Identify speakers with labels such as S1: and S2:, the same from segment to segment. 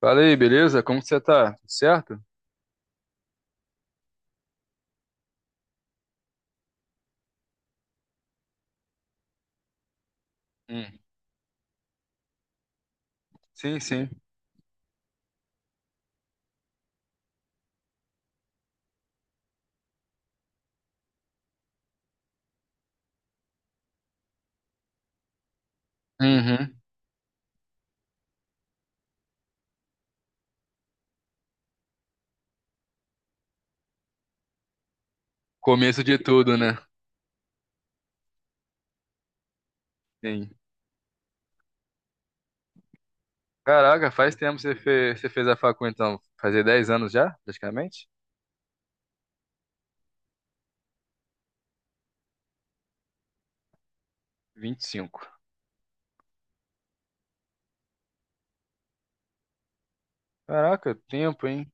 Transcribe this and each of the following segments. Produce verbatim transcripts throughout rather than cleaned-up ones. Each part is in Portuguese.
S1: Fala aí, beleza? Como que você tá? Tudo certo? Hum. Sim, sim. Uhum. Começo de tudo, né? Sim. Caraca, faz tempo que você fez, você fez a facu, então. Fazer dez anos já, praticamente? Vinte e cinco. Caraca, tempo, hein?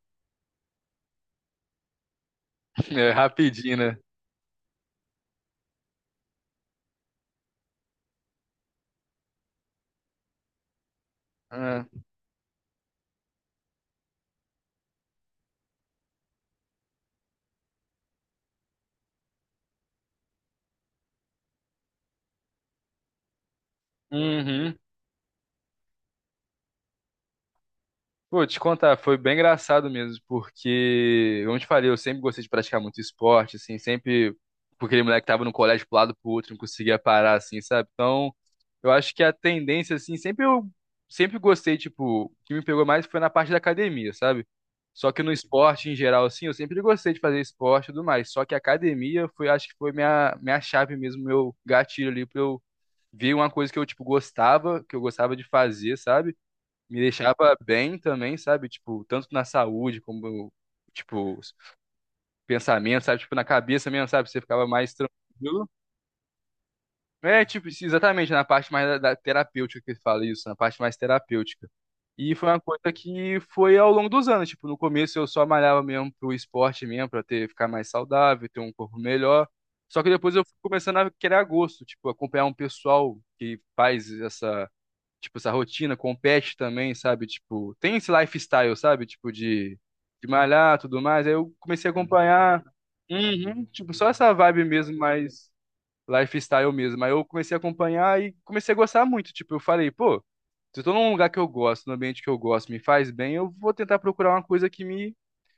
S1: É rapidinho, né? Ah. Uhum. Pô, te contar, foi bem engraçado mesmo, porque, como eu te falei, eu sempre gostei de praticar muito esporte, assim, sempre, porque aquele moleque que tava no colégio pro lado pro outro, não conseguia parar, assim, sabe? Então, eu acho que a tendência, assim, sempre eu, sempre gostei, tipo, o que me pegou mais foi na parte da academia, sabe? Só que no esporte, em geral, assim, eu sempre gostei de fazer esporte e tudo mais, só que a academia foi, acho que foi minha, minha chave mesmo, meu gatilho ali pra eu ver uma coisa que eu, tipo, gostava, que eu gostava de fazer, sabe? Me deixava bem também, sabe? Tipo, tanto na saúde como, tipo, pensamento, sabe? Tipo, na cabeça mesmo, sabe? Você ficava mais tranquilo. É, tipo, isso, exatamente, na parte mais da, da terapêutica que fala isso, na parte mais terapêutica. E foi uma coisa que foi ao longo dos anos, tipo, no começo eu só malhava mesmo pro esporte mesmo, pra ter, ficar mais saudável, ter um corpo melhor. Só que depois eu fui começando a querer a gosto, tipo, acompanhar um pessoal que faz essa tipo, essa rotina, compete também, sabe? Tipo, tem esse lifestyle, sabe? Tipo, de, de malhar, tudo mais. Aí eu comecei a acompanhar, uhum, tipo, só essa vibe mesmo, mais lifestyle mesmo. Aí eu comecei a acompanhar e comecei a gostar muito. Tipo, eu falei, pô, se eu tô num lugar que eu gosto, num ambiente que eu gosto, me faz bem, eu vou tentar procurar uma coisa que me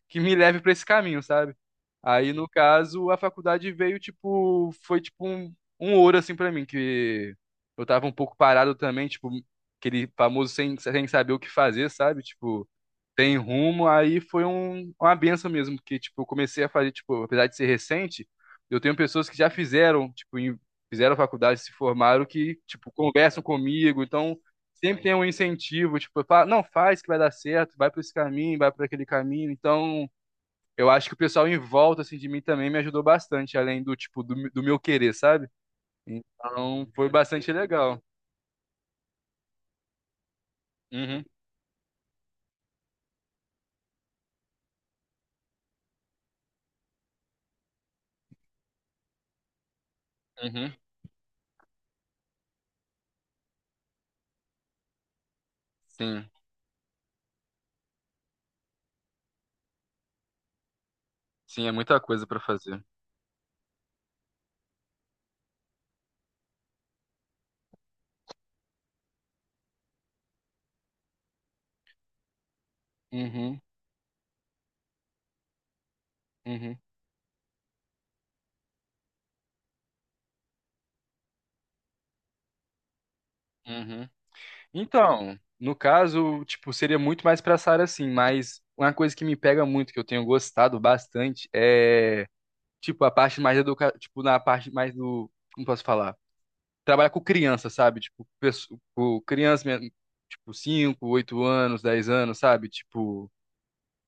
S1: que me leve para esse caminho, sabe? Aí, no caso, a faculdade veio, tipo, foi tipo um, um ouro, assim, pra mim, que eu tava um pouco parado também, tipo, aquele famoso sem, sem saber o que fazer, sabe? Tipo, sem rumo, aí foi um, uma benção mesmo, porque, tipo, eu comecei a fazer, tipo, apesar de ser recente, eu tenho pessoas que já fizeram, tipo, em- fizeram faculdade, se formaram, que, tipo, conversam comigo, então sempre tem um incentivo, tipo, fala, não, faz que vai dar certo, vai para esse caminho, vai para aquele caminho, então eu acho que o pessoal em volta assim de mim também me ajudou bastante, além do tipo do, do meu querer, sabe? Então foi bastante legal. Uhum, uhum, sim, sim, é muita coisa pra fazer. Uhum, uhum, uhum. Então, no caso, tipo, seria muito mais pra essa área assim, mas uma coisa que me pega muito, que eu tenho gostado bastante, é tipo a parte mais educa, tipo na parte mais do, como posso falar? Trabalhar com criança, sabe? Tipo, pesso- com criança, minha- tipo, cinco oito anos, dez anos, sabe? Tipo,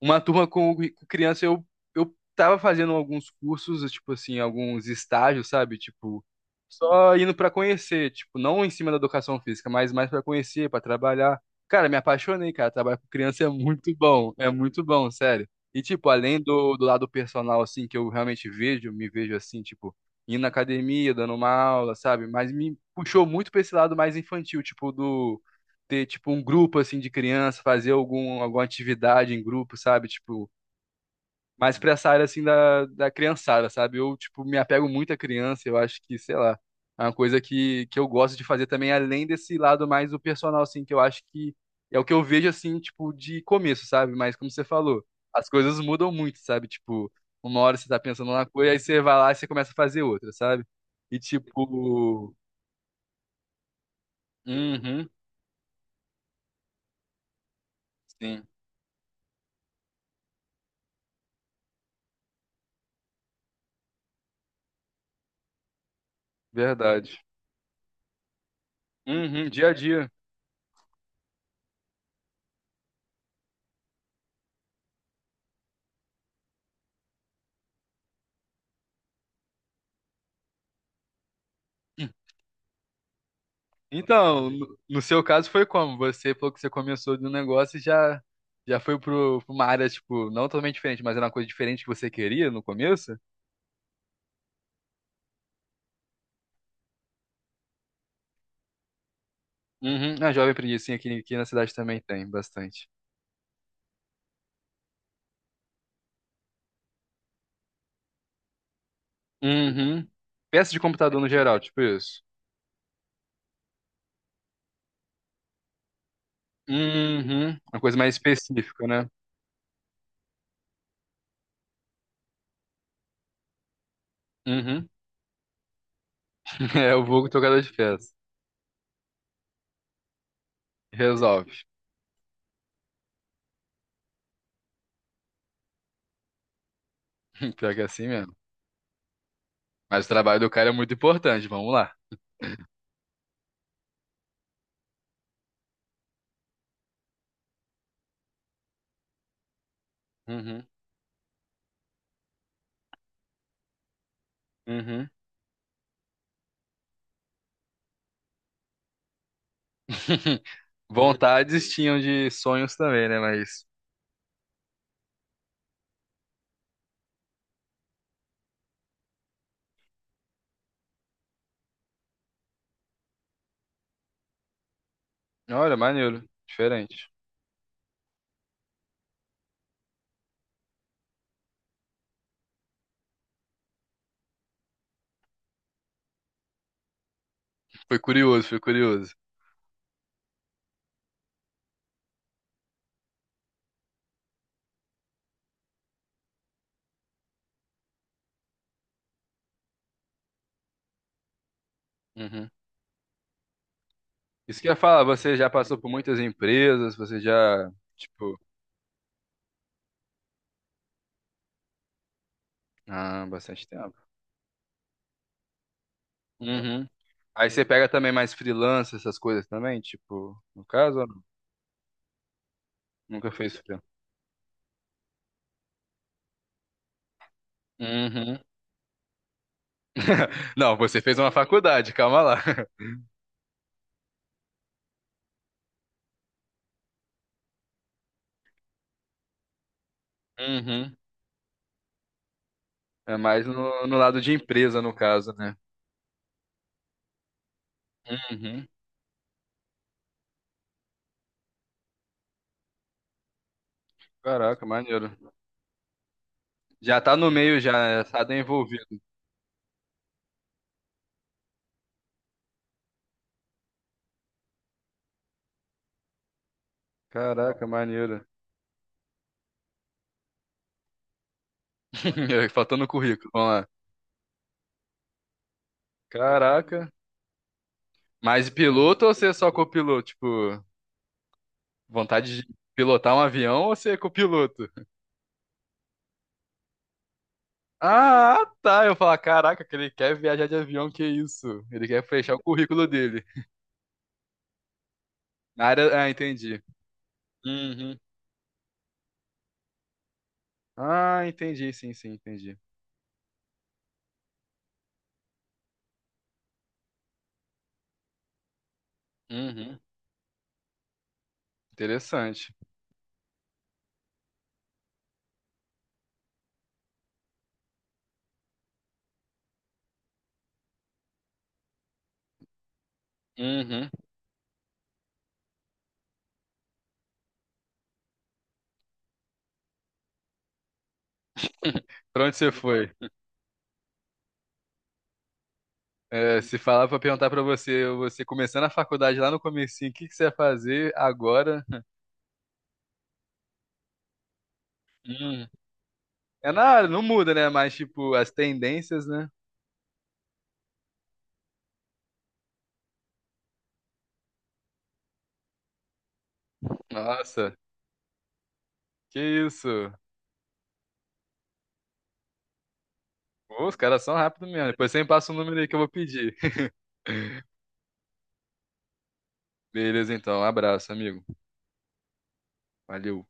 S1: uma turma com, com criança, eu, eu tava fazendo alguns cursos, tipo assim, alguns estágios, sabe? Tipo, só indo pra conhecer, tipo, não em cima da educação física, mas mais pra conhecer, pra trabalhar. Cara, me apaixonei, cara. Trabalhar com criança é muito bom, é muito bom, sério. E, tipo, além do, do lado personal, assim, que eu realmente vejo, me vejo assim, tipo, indo na academia, dando uma aula, sabe? Mas me puxou muito pra esse lado mais infantil, tipo, do ter tipo um grupo assim de criança, fazer algum, alguma atividade em grupo, sabe? Tipo, mais pra essa área assim da, da criançada, sabe? Eu tipo me apego muito à criança, eu acho que, sei lá, é uma coisa que, que eu gosto de fazer também além desse lado mais do personal assim, que eu acho que é o que eu vejo assim, tipo, de começo, sabe? Mas como você falou, as coisas mudam muito, sabe? Tipo, uma hora você tá pensando numa coisa, aí você vai lá e você começa a fazer outra, sabe? E tipo, uhum, sim, verdade. Uhum, dia a dia. Então, no no seu caso foi como? Você falou que você começou de um negócio e já, já foi pro, pra uma área, tipo, não totalmente diferente, mas era uma coisa diferente que você queria no começo? Uhum. A Jovem Aprendiz, sim, aqui, aqui na cidade também tem bastante. Uhum. Peça de computador no geral, tipo isso. Uhum. Uma coisa mais específica, né? Uhum. É o vulgo tocador de peça. Resolve. Pior que é assim mesmo. Mas o trabalho do cara é muito importante, vamos lá. Uhum. Uhum. Vontades tinham de sonhos também, né? Mas Olha, maneiro. Diferente. Foi curioso, foi curioso. Uhum. Isso que eu ia falar, você já passou por muitas empresas, você já, tipo, ah, bastante tempo. Uhum. Aí você pega também mais freelance, essas coisas também, tipo, no caso, ou não? Nunca fez freelance. Uhum. Não, você fez uma faculdade, calma lá. Uhum. É mais no, no lado de empresa, no caso, né? Uhum. Caraca, maneiro. Já tá no meio, já, né? Já tá envolvido. Caraca, maneiro. Faltando currículo, vamos lá. Caraca. Mas piloto ou você é só copiloto? Tipo, vontade de pilotar um avião ou você é copiloto? Ah, tá. Eu falo, caraca, que ele quer viajar de avião, que isso? Ele quer fechar o currículo dele. Na área. Ah, entendi. Uhum. Ah, entendi, sim, sim, entendi. Uhum. Interessante. Uhum. Pra onde você foi? É, se falar pra perguntar pra você, você começando a faculdade lá no comecinho, o que que você ia fazer agora? Hum. É na área, não muda, né? Mas, tipo, as tendências, né? Nossa, que isso? Ô, os caras são rápidos mesmo. Depois você me passa o número aí que eu vou pedir. Beleza, então. Um abraço, amigo. Valeu.